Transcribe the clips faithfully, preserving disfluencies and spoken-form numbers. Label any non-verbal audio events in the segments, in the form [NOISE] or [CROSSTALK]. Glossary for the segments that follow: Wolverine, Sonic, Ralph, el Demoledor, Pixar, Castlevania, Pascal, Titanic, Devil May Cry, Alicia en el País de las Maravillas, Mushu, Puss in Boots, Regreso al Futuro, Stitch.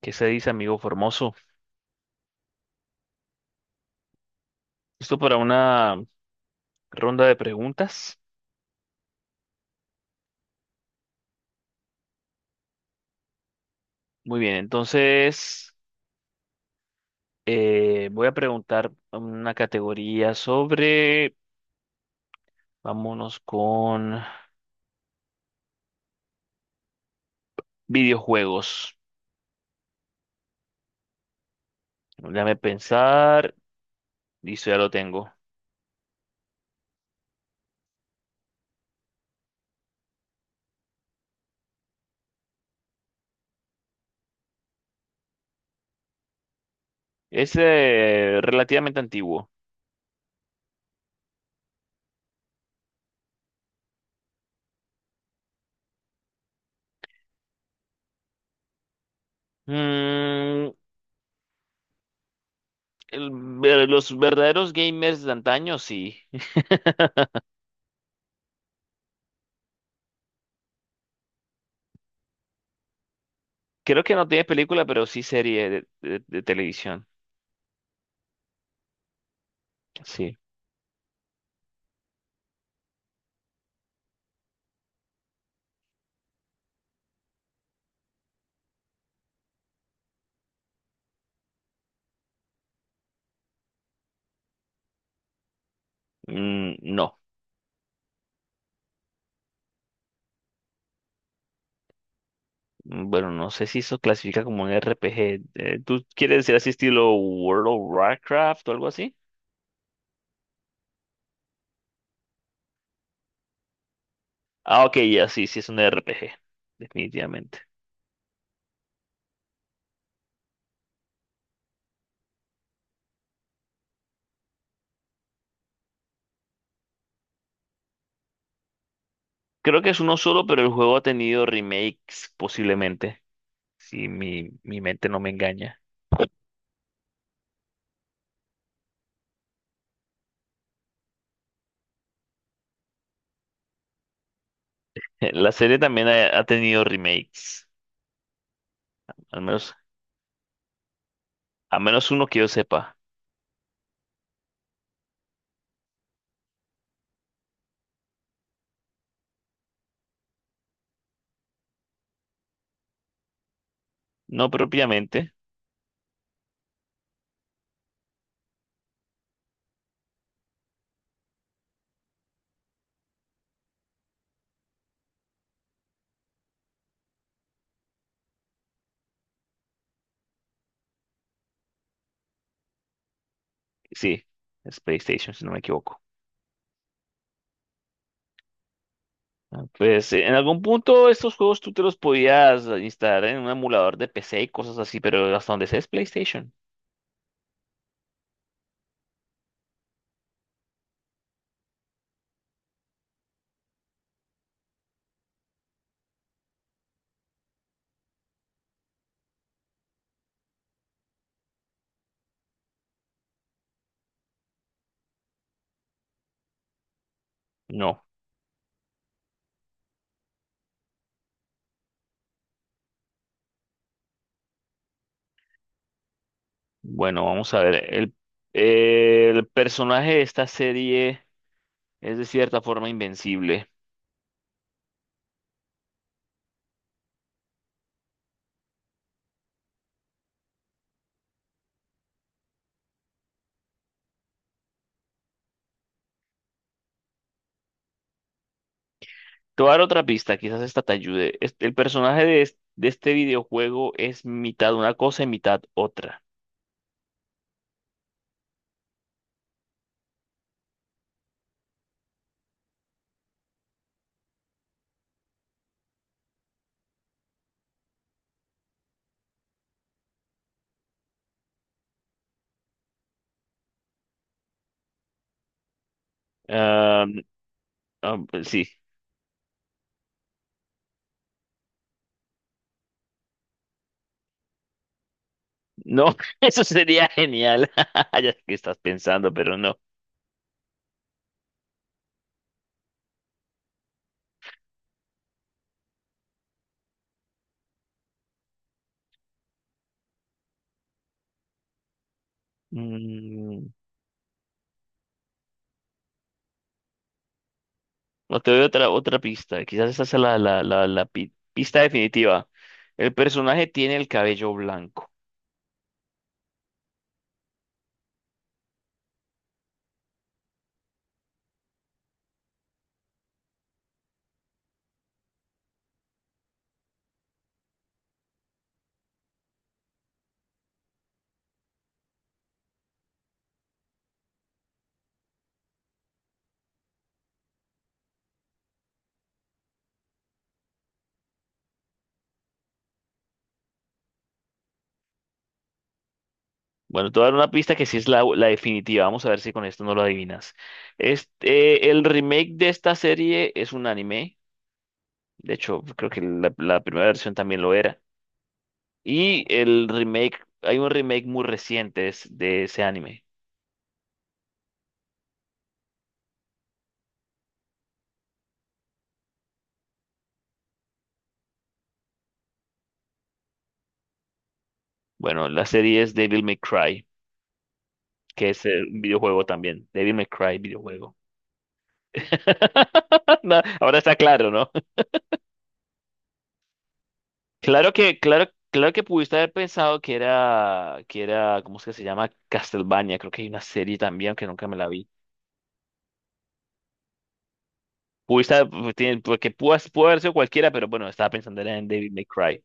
¿Qué se dice, amigo Formoso? Esto para una ronda de preguntas. Muy bien, entonces eh, voy a preguntar una categoría sobre, vámonos con videojuegos. Déjame pensar, listo, ya lo tengo. Es eh, relativamente antiguo. Mm, el- ver- los verdaderos gamers de antaño, sí. Creo que no tiene película, pero sí serie de, de- de televisión. Sí. Mm, no. Mm, bueno, no sé si eso clasifica como un R P G. Eh, ¿tú quieres decir así estilo World of Warcraft o algo así? Ah, ok, ya sí, sí es un R P G, definitivamente. Creo que es uno solo, pero el juego ha tenido remakes posiblemente, si mi, mi mente no me engaña. [LAUGHS] La serie también ha, ha tenido remakes, al menos, al menos uno que yo sepa. No propiamente, sí, es PlayStation, si no me equivoco. Ah, pues eh, en algún punto estos juegos tú te los podías instalar en un emulador de P C y cosas así, pero hasta donde sé es PlayStation. No. Bueno, vamos a ver. El, eh, el personaje de esta serie es de cierta forma invencible. Te voy a dar otra pista, quizás esta te ayude. Es- el personaje de, es- de este videojuego es mitad una cosa y mitad otra. Ah, ah, pues sí. No, [LAUGHS] eso sería genial. [LAUGHS] Ya sé que estás pensando, pero no. Mm, No te doy otra, otra pista. Quizás esa sea la, la, la, la pi- pista definitiva. El personaje tiene el cabello blanco. Bueno, te voy a dar una pista que sí es la, la definitiva. Vamos a ver si con esto no lo adivinas. Este, el remake de esta serie es un anime. De hecho, creo que la, la primera versión también lo era. Y el remake, hay un remake muy reciente es- de ese anime. Bueno, la serie es Devil May Cry, que es eh, un videojuego también. Devil May Cry, videojuego. [LAUGHS] No, ahora está claro, ¿no? Claro que, claro, claro que pudiste haber pensado que era, que era, ¿cómo es que se llama? Castlevania, creo que hay una serie también, aunque nunca me la vi. Pudiste, haber- pu- tiene- Porque pudo, pudo haber sido cualquiera, pero bueno, estaba pensando era en David May Cry.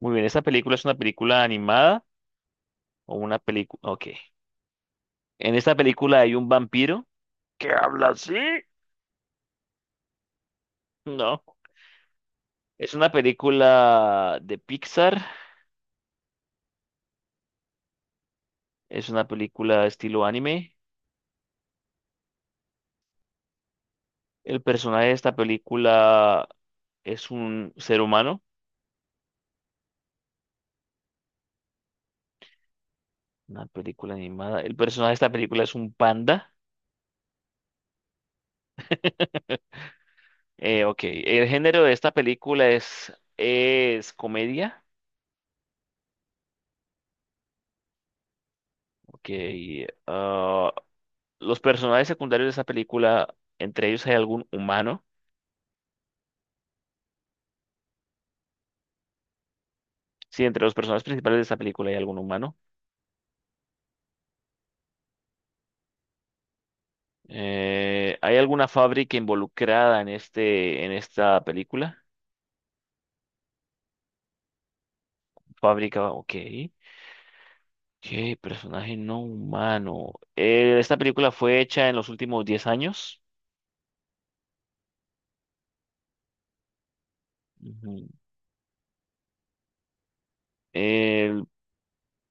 Muy bien, ¿esta película es una película animada o una película? Ok. En esta película hay un vampiro que habla así. No. Es una película de Pixar. Es una película estilo anime. El personaje de esta película es un ser humano. Una película animada. El personaje de esta película es un panda. Eh, ok. El género de esta película es, es comedia. Ok. Ah, los personajes secundarios de esta película, entre ellos hay algún humano. Sí, entre los personajes principales de esta película hay algún humano. Eh, ¿hay alguna fábrica involucrada en este, en esta película? Fábrica, ok. ¿Qué personaje no humano? Eh, esta película fue hecha en los últimos diez años. Ujú. El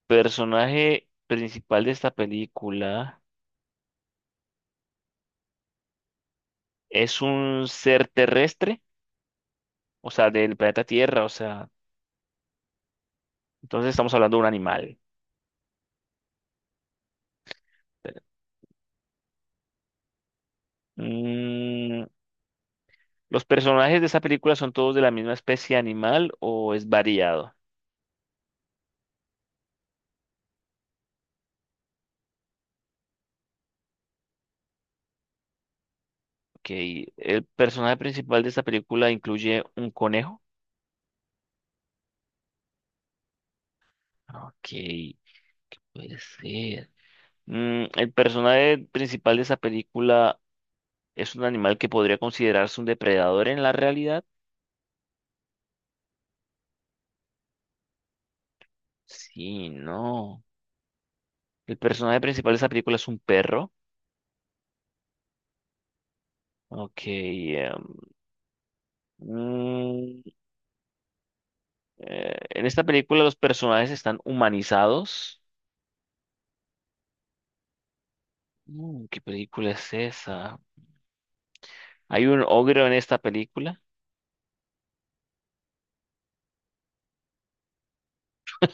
personaje principal de esta película es un ser terrestre, o sea, del planeta Tierra, o sea, entonces estamos hablando de un animal. Mm, ¿los personajes de esta película son todos de la misma especie animal o es variado? Ok, el personaje principal de esta película incluye un conejo. Ok, puede ser. Mm, el personaje principal de esa película es un animal que podría considerarse un depredador en la realidad. Sí, no. El personaje principal de esta película es un perro. Ok. em, mm, eh, en esta película los personajes están humanizados. Mm, ¿qué película es esa? ¿Hay un ogro en esta película?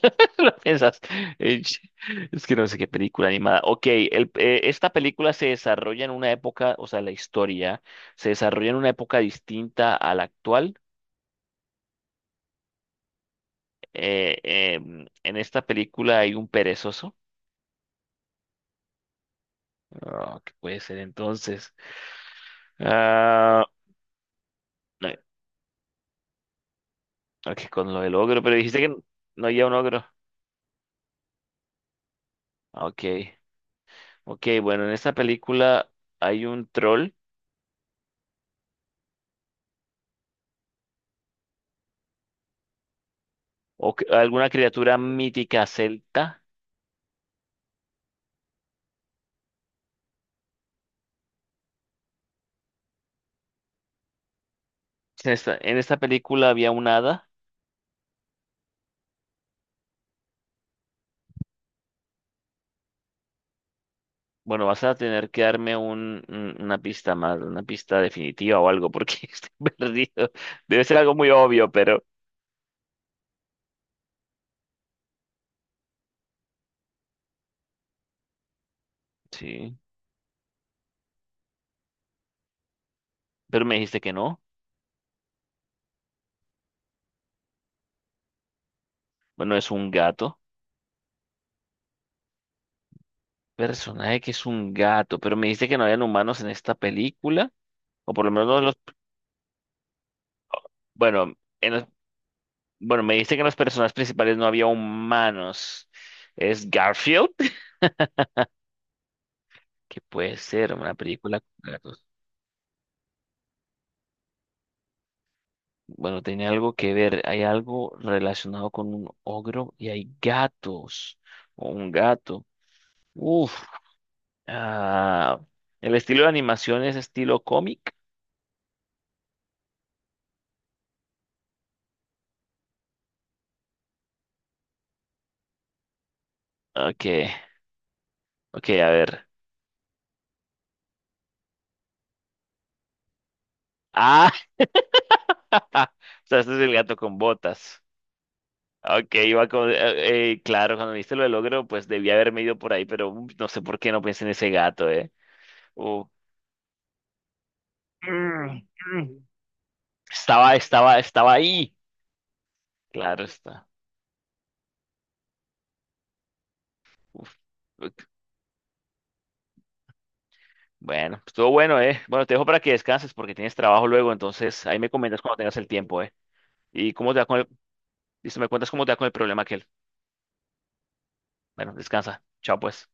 [LAUGHS] ¿Lo piensas? Eh, Es que no sé qué película animada. Ok, el- eh, esta película se desarrolla en una época, o sea, la historia se desarrolla en una época distinta a la actual. Eh, em, en esta película hay un perezoso. Ah, ¿qué puede ser entonces? Ah, no, ok, con lo del ogro, pero dijiste que no había un ogro. Ah, ok, ok, bueno, en esta película hay un troll o c- alguna criatura mítica celta. En esta, en esta película había un hada. Bueno, vas a tener que darme un, un- una pista más, una pista definitiva o algo, porque [LAUGHS] estoy perdido. Debe ser algo muy obvio, pero sí. Pero me dijiste que no. Bueno, es un gato. Personaje que es un gato, pero me dijiste que no habían humanos en esta película. O por lo menos no los… Bueno, en los- bueno, me dice que en los personajes principales no había humanos. ¿Es Garfield? [LAUGHS] que puede ser? Una película con gatos. Bueno, tenía algo que ver. Hay algo relacionado con un ogro y hay gatos. O un gato. Uf. Ah, el estilo de animación es estilo cómic. Ok, ok, a ver. Ah, [LAUGHS] o sea, este es el gato con botas. Ok, iba con, eh, eh, claro, cuando me diste lo del logro, pues debía haberme ido por ahí, pero uh, no sé por qué no pensé en ese gato, ¿eh? Uh, mm, mm. Estaba, estaba, estaba ahí. Claro está. Uf, ok. Bueno, estuvo bueno, ¿eh? Bueno, te dejo para que descanses porque tienes trabajo luego, entonces ahí me comentas cuando tengas el tiempo, ¿eh? Y cómo te va con el, listo, me cuentas cómo te va con el problema aquel. Bueno, descansa. Chao, pues.